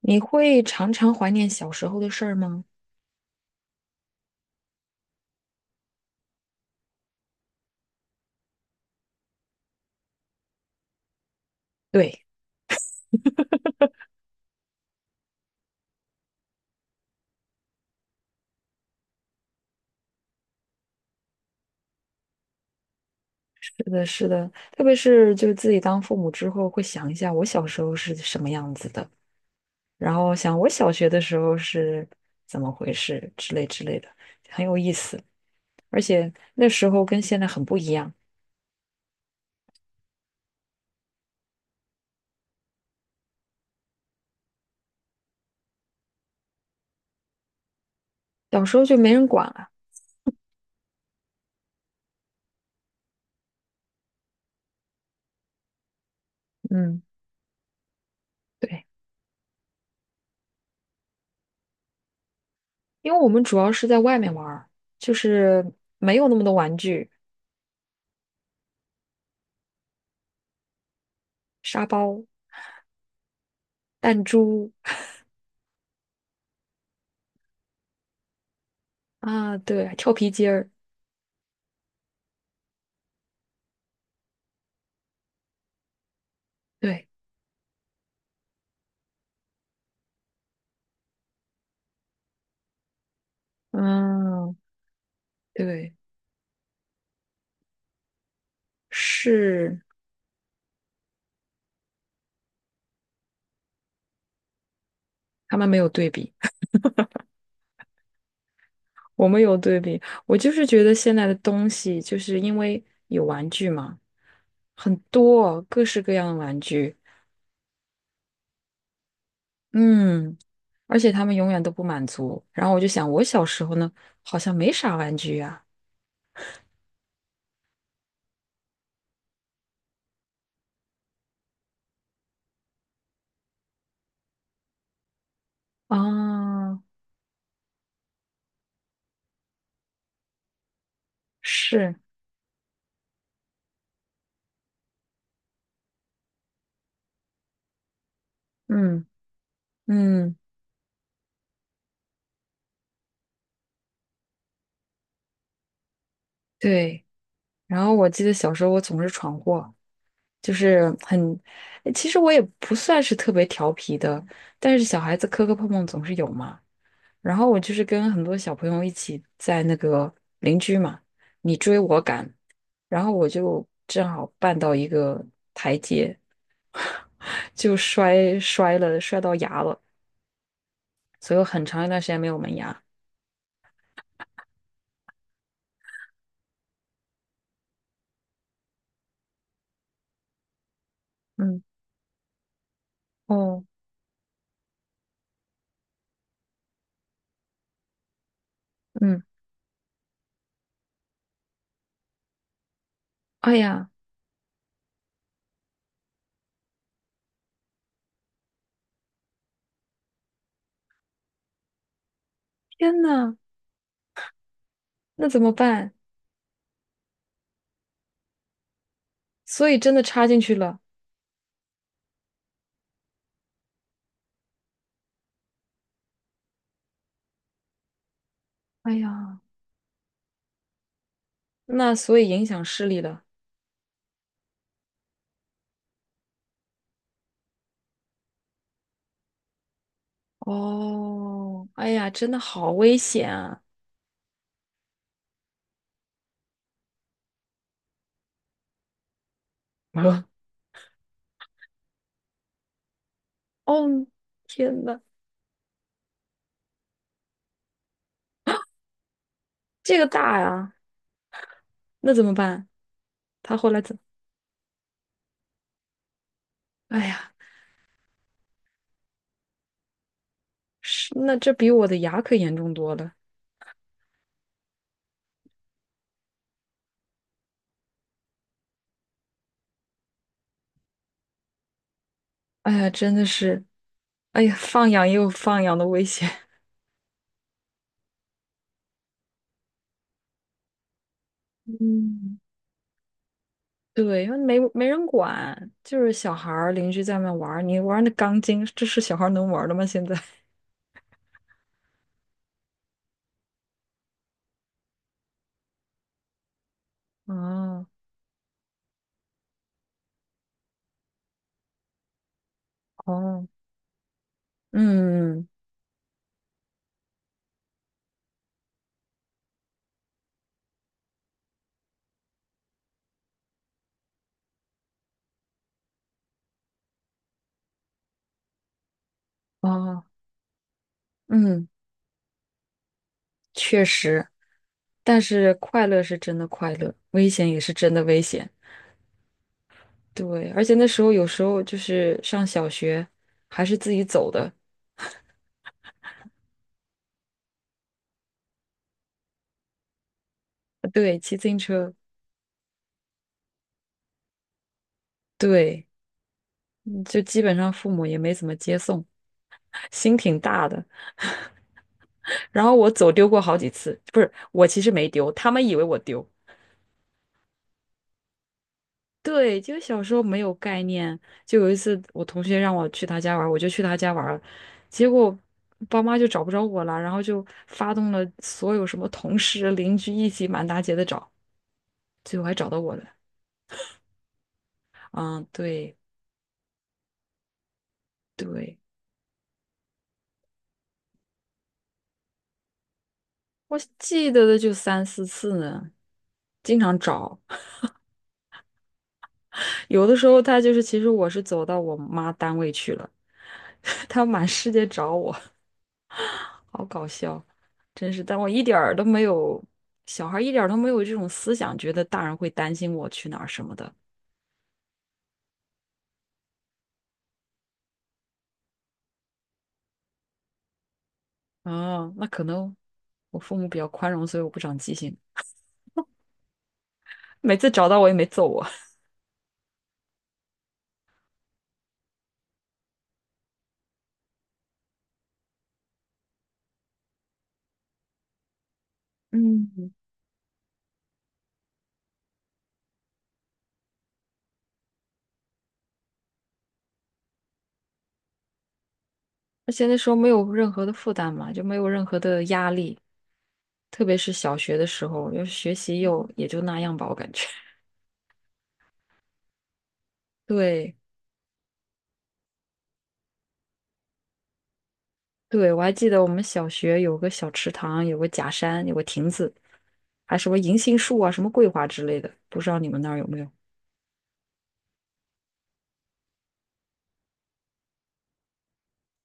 你会常常怀念小时候的事儿吗？对，是的，是的，特别是就是自己当父母之后，会想一下我小时候是什么样子的，然后想我小学的时候是怎么回事之类之类的，很有意思。而且那时候跟现在很不一样，小时候就没人管了。嗯，对，因为我们主要是在外面玩儿，就是没有那么多玩具，沙包、弹珠啊，对，跳皮筋儿，对，嗯，对。是他们没有对比，我们有对比。我就是觉得现在的东西，就是因为有玩具嘛，很多各式各样的玩具，嗯，而且他们永远都不满足。然后我就想，我小时候呢，好像没啥玩具呀、啊。啊，是，嗯嗯，对。然后我记得小时候我总是闯祸，就是其实我也不算是特别调皮的，但是小孩子磕磕碰碰总是有嘛。然后我就是跟很多小朋友一起在那个邻居嘛，你追我赶，然后我就正好绊到一个阶，就摔了，摔到牙了，所以我很长一段时间没有门牙。嗯，哦，嗯，哎呀，天呐，那怎么办？所以真的插进去了。哎呀，那所以影响视力了。哦，哎呀，真的好危险啊！我说，哦，天呐，这个大呀，那怎么办？他后来怎么哎呀，是，那这比我的牙可严重多了。哎呀，真的是，哎呀，放养也有放养的危险。嗯，对，因为没人管，就是小孩儿邻居在那玩儿，你玩那钢筋，这是小孩儿能玩儿的吗？现在？哦哦，嗯哦嗯，确实，但是快乐是真的快乐，危险也是真的危险。对，而且那时候有时候就是上小学，还是自己走的，对，骑自行车，对。嗯就基本上父母也没怎么接送，心挺大的。然后我走丢过好几次，不是，我其实没丢，他们以为我丢。对，就小时候没有概念，就有一次我同学让我去他家玩儿，我就去他家玩儿了，结果爸妈就找不着我了，然后就发动了所有什么同事邻居一起满大街的找，最后还找到我了。嗯，对对，我记得的就三四次呢，经常找。有的时候他就是，其实我是走到我妈单位去了，他满世界找我，好搞笑，真是。但我一点儿都没有，小孩儿一点儿都没有这种思想，觉得大人会担心我去哪儿什么的。啊，那可能我父母比较宽容，所以我不长记性。每次找到我也没揍我，嗯，而且那时候没有任何的负担嘛，就没有任何的压力，特别是小学的时候，要是学习又也就那样吧，我感觉。对。对，我还记得我们小学有个小池塘，有个假山，有个亭子，还什么银杏树啊，什么桂花之类的，不知道你们那儿有没有？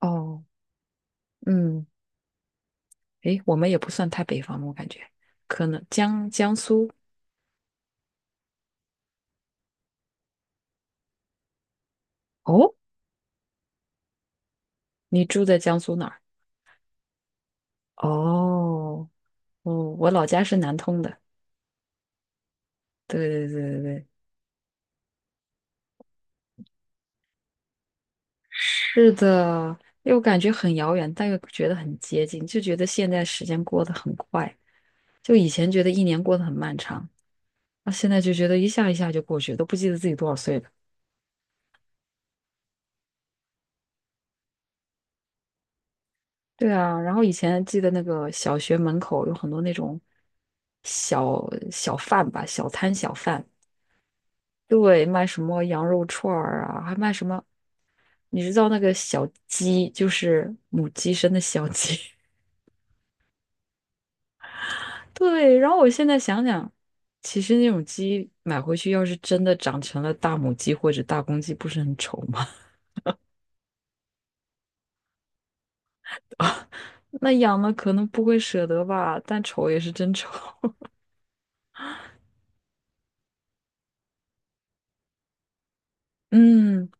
哦，嗯，诶，我们也不算太北方吧我感觉可能江苏。哦，你住在江苏哪儿？哦，哦，我老家是南通的。对对对对对，是的，又感觉很遥远，但又觉得很接近，就觉得现在时间过得很快，就以前觉得一年过得很漫长。那现在就觉得一下一下就过去，都不记得自己多少岁了。对啊，然后以前记得那个小学门口有很多那种小小贩吧，小摊小贩，对，卖什么羊肉串儿啊，还卖什么，你知道那个小鸡，就是母鸡生的小鸡。对，然后我现在想想，其实那种鸡买回去，要是真的长成了大母鸡或者大公鸡，不是很丑吗？那养了可能不会舍得吧，但丑也是真丑。嗯。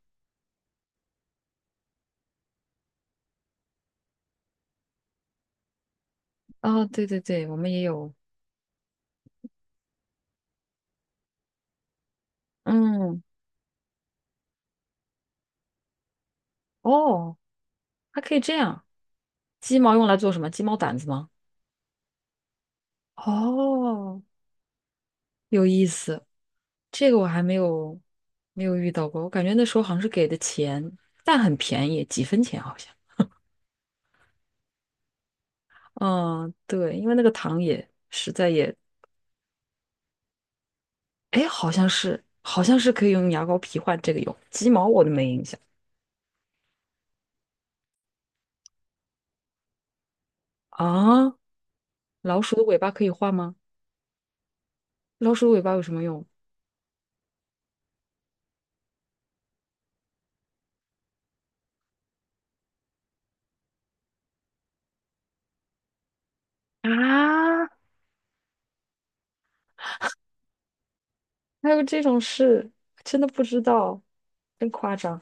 哦，对对对，我们也有，嗯，哦，还可以这样，鸡毛用来做什么？鸡毛掸子吗？哦，有意思，这个我还没有遇到过，我感觉那时候好像是给的钱，但很便宜，几分钱好像。嗯，对，因为那个糖也实在也，哎，好像是可以用牙膏皮换这个油，鸡毛我都没印象啊。老鼠的尾巴可以换吗？老鼠的尾巴有什么用？啊，还有这种事，真的不知道，真夸张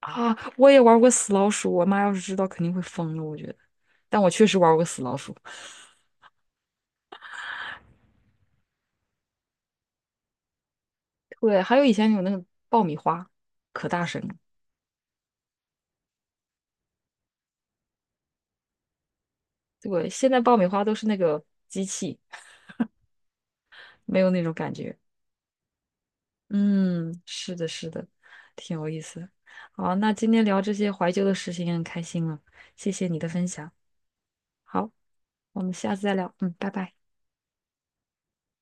啊！我也玩过死老鼠，我妈要是知道肯定会疯了，我觉得。但我确实玩过死老鼠，对，还有以前有那个爆米花，可大声了。对，现在爆米花都是那个机器，没有那种感觉。嗯，是的，是的，挺有意思。好，那今天聊这些怀旧的事情也很开心了，谢谢你的分享。好，我们下次再聊。嗯，拜拜。